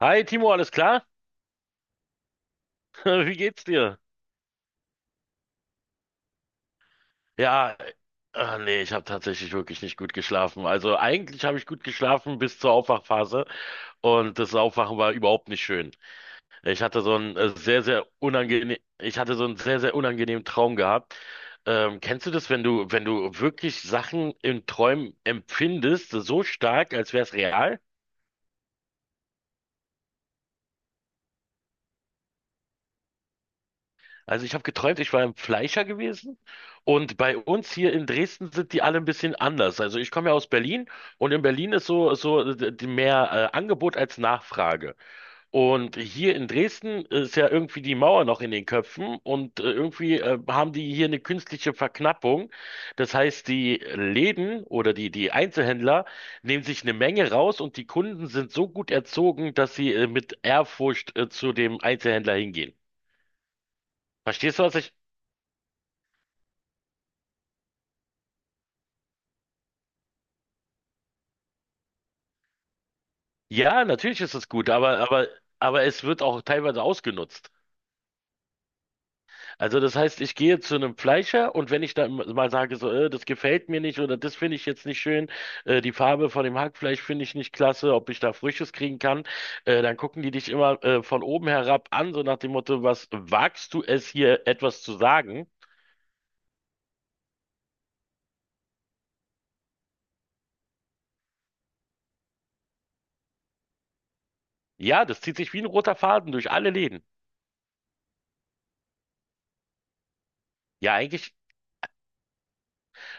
Hi Timo, alles klar? Wie geht's dir? Ja, nee, ich habe tatsächlich wirklich nicht gut geschlafen. Also eigentlich habe ich gut geschlafen bis zur Aufwachphase und das Aufwachen war überhaupt nicht schön. Ich hatte so einen ich hatte so einen sehr, sehr unangenehmen Traum gehabt. Kennst du das, wenn du wirklich Sachen in Träumen empfindest, so stark, als wäre es real? Also ich habe geträumt, ich war im Fleischer gewesen, und bei uns hier in Dresden sind die alle ein bisschen anders. Also ich komme ja aus Berlin, und in Berlin ist mehr Angebot als Nachfrage. Und hier in Dresden ist ja irgendwie die Mauer noch in den Köpfen und irgendwie haben die hier eine künstliche Verknappung. Das heißt, die Läden oder die Einzelhändler nehmen sich eine Menge raus, und die Kunden sind so gut erzogen, dass sie mit Ehrfurcht zu dem Einzelhändler hingehen. Verstehst du, was ich… Ja, natürlich ist es gut, aber es wird auch teilweise ausgenutzt. Also das heißt, ich gehe zu einem Fleischer, und wenn ich da mal sage, so, das gefällt mir nicht oder das finde ich jetzt nicht schön, die Farbe von dem Hackfleisch finde ich nicht klasse, ob ich da Frisches kriegen kann, dann gucken die dich immer von oben herab an, so nach dem Motto, was wagst du es hier etwas zu sagen? Ja, das zieht sich wie ein roter Faden durch alle Läden. Ja, eigentlich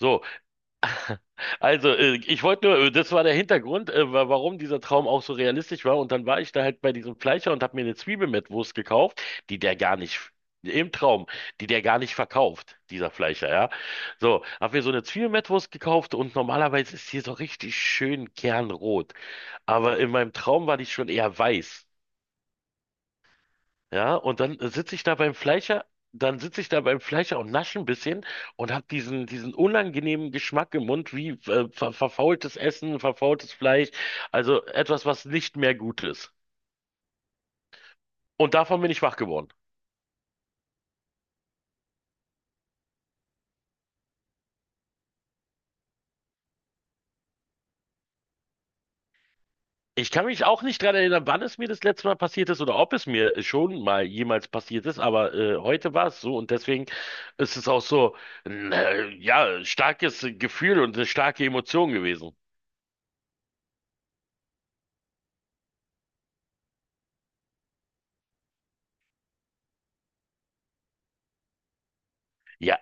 so. Also, ich wollte nur, das war der Hintergrund, warum dieser Traum auch so realistisch war. Und dann war ich da halt bei diesem Fleischer und habe mir eine Zwiebel mit Wurst gekauft, die der gar nicht, im Traum, die der gar nicht verkauft, dieser Fleischer, ja. So, habe mir so eine Zwiebel mit Wurst gekauft, und normalerweise ist die so richtig schön kernrot. Aber in meinem Traum war die schon eher weiß. Ja, und dann sitze ich da beim Fleischer, dann sitze ich da beim Fleischer und nasche ein bisschen und habe diesen unangenehmen Geschmack im Mund, wie verfaultes Essen, verfaultes Fleisch, also etwas, was nicht mehr gut ist. Und davon bin ich wach geworden. Ich kann mich auch nicht dran erinnern, wann es mir das letzte Mal passiert ist oder ob es mir schon mal jemals passiert ist, aber heute war es so, und deswegen ist es auch so ein ja, starkes Gefühl und eine starke Emotion gewesen. Ja.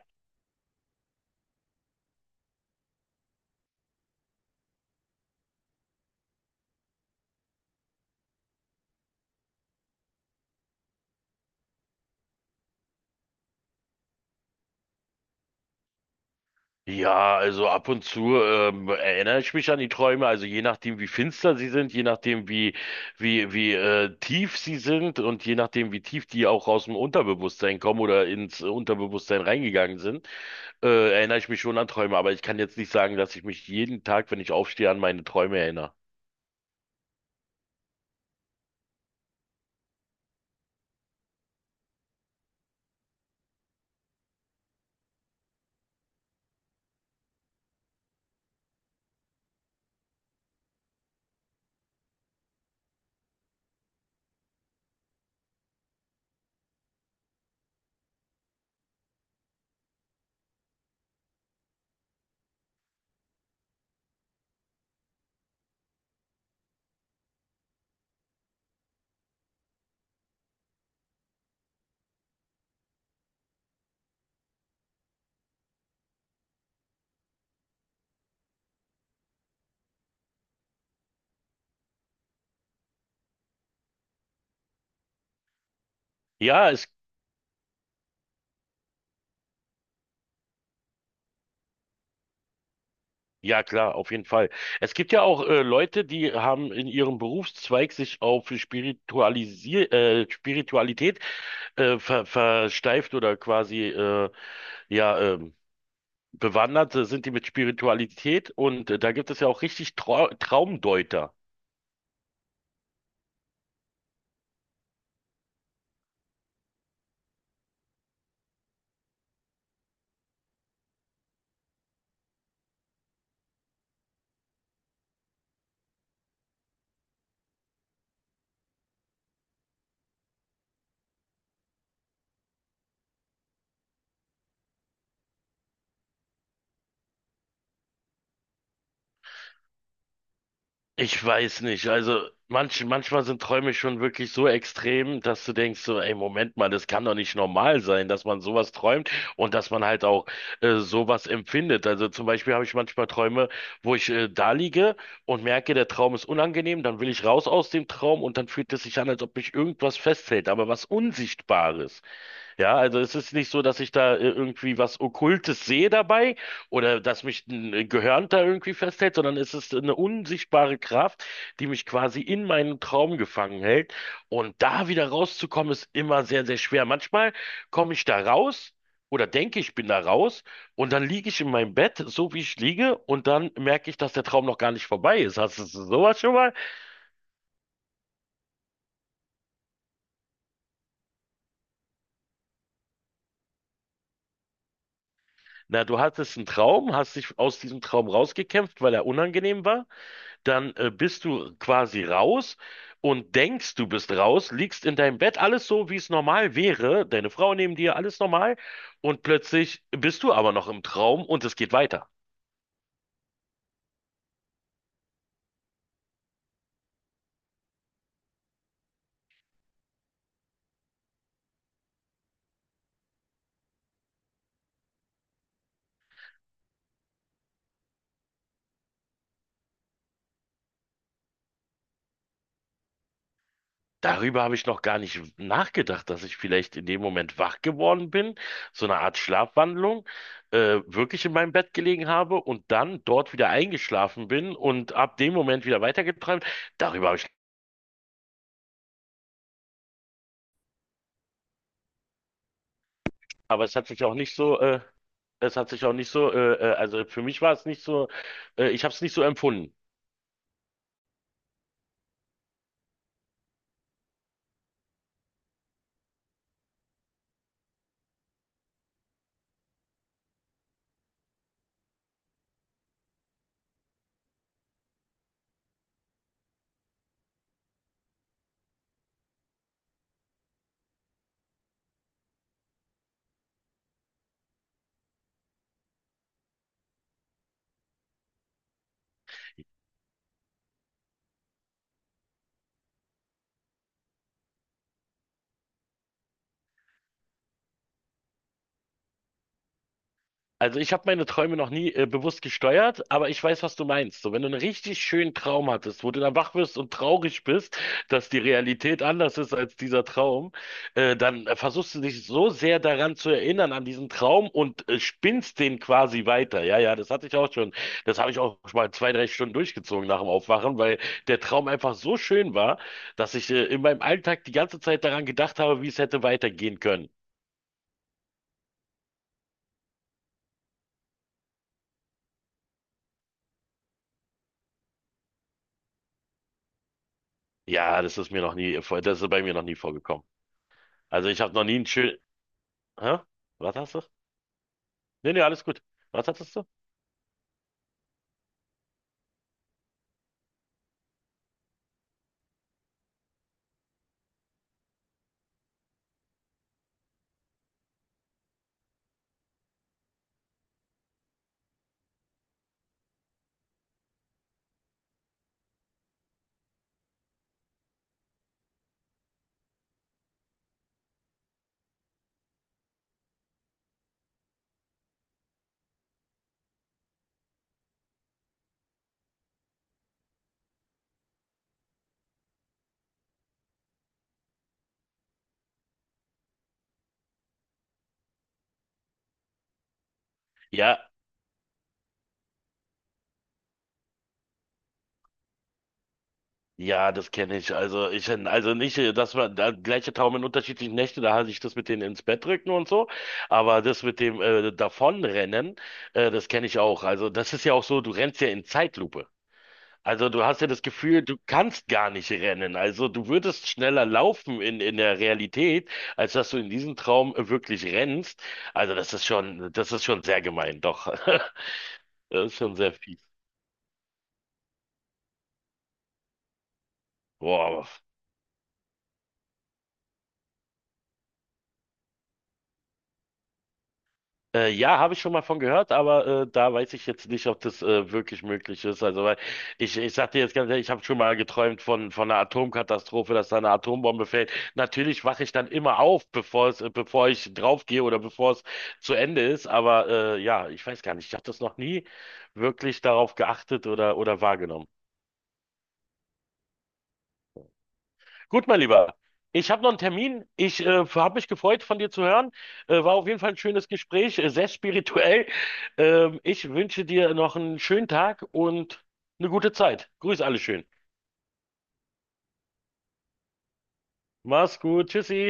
Ja, also ab und zu erinnere ich mich an die Träume, also je nachdem, wie finster sie sind, je nachdem, wie tief sie sind, und je nachdem, wie tief die auch aus dem Unterbewusstsein kommen oder ins Unterbewusstsein reingegangen sind, erinnere ich mich schon an Träume, aber ich kann jetzt nicht sagen, dass ich mich jeden Tag, wenn ich aufstehe, an meine Träume erinnere. Ja, es, ja klar, auf jeden Fall. Es gibt ja auch Leute, die haben in ihrem Berufszweig sich auf Spiritualität versteift oder quasi ja ähm, bewandert sind die mit Spiritualität, und da gibt es ja auch richtig Traumdeuter. Ich weiß nicht. Also manchmal sind Träume schon wirklich so extrem, dass du denkst so, ey, Moment mal, das kann doch nicht normal sein, dass man sowas träumt und dass man halt auch sowas empfindet. Also zum Beispiel habe ich manchmal Träume, wo ich da liege und merke, der Traum ist unangenehm, dann will ich raus aus dem Traum, und dann fühlt es sich an, als ob mich irgendwas festhält, aber was Unsichtbares. Ja, also es ist nicht so, dass ich da irgendwie was Okkultes sehe dabei oder dass mich ein Gehirn da irgendwie festhält, sondern es ist eine unsichtbare Kraft, die mich quasi in meinen Traum gefangen hält. Und da wieder rauszukommen, ist immer sehr, sehr schwer. Manchmal komme ich da raus oder denke, ich bin da raus, und dann liege ich in meinem Bett, so wie ich liege, und dann merke ich, dass der Traum noch gar nicht vorbei ist. Hast du sowas schon mal? Na, du hattest einen Traum, hast dich aus diesem Traum rausgekämpft, weil er unangenehm war. Dann bist du quasi raus und denkst, du bist raus, liegst in deinem Bett, alles so, wie es normal wäre, deine Frau neben dir, alles normal, und plötzlich bist du aber noch im Traum, und es geht weiter. Darüber habe ich noch gar nicht nachgedacht, dass ich vielleicht in dem Moment wach geworden bin, so eine Art Schlafwandlung, wirklich in meinem Bett gelegen habe und dann dort wieder eingeschlafen bin und ab dem Moment wieder weitergeträumt. Darüber habe ich… Aber es hat sich auch nicht so, also für mich war es nicht so, ich habe es nicht so empfunden. Also ich habe meine Träume noch nie bewusst gesteuert, aber ich weiß, was du meinst. So, wenn du einen richtig schönen Traum hattest, wo du dann wach wirst und traurig bist, dass die Realität anders ist als dieser Traum, dann versuchst du dich so sehr daran zu erinnern, an diesen Traum, und spinnst den quasi weiter. Ja, ja, das hatte ich auch schon. Das habe ich auch schon mal zwei, drei Stunden durchgezogen nach dem Aufwachen, weil der Traum einfach so schön war, dass ich in meinem Alltag die ganze Zeit daran gedacht habe, wie es hätte weitergehen können. Das ist bei mir noch nie vorgekommen. Also ich habe noch nie einen schönen. Hä? Was hast du? Nee, nee, alles gut. Was hattest du? Ja, ja, das kenne ich. Also ich, also nicht, Dass man da gleiche Traum in unterschiedlichen Nächten, da hatte ich das mit denen ins Bett drücken und so, aber das mit dem Davonrennen, das kenne ich auch. Also das ist ja auch so, du rennst ja in Zeitlupe. Also du hast ja das Gefühl, du kannst gar nicht rennen. Also du würdest schneller laufen in der Realität, als dass du in diesem Traum wirklich rennst. Also das ist schon sehr gemein, doch. Das ist schon sehr fies. Boah, aber. Ja, habe ich schon mal von gehört, aber da weiß ich jetzt nicht, ob das wirklich möglich ist. Also, weil ich sag dir jetzt ganz ehrlich, ich habe schon mal geträumt von einer Atomkatastrophe, dass da eine Atombombe fällt. Natürlich wache ich dann immer auf, bevor ich draufgehe oder bevor es zu Ende ist. Aber ja, ich weiß gar nicht, ich habe das noch nie wirklich darauf geachtet oder wahrgenommen. Gut, mein Lieber. Ich habe noch einen Termin. Ich habe mich gefreut, von dir zu hören. War auf jeden Fall ein schönes Gespräch, sehr spirituell. Ich wünsche dir noch einen schönen Tag und eine gute Zeit. Grüß alle schön. Mach's gut. Tschüssi.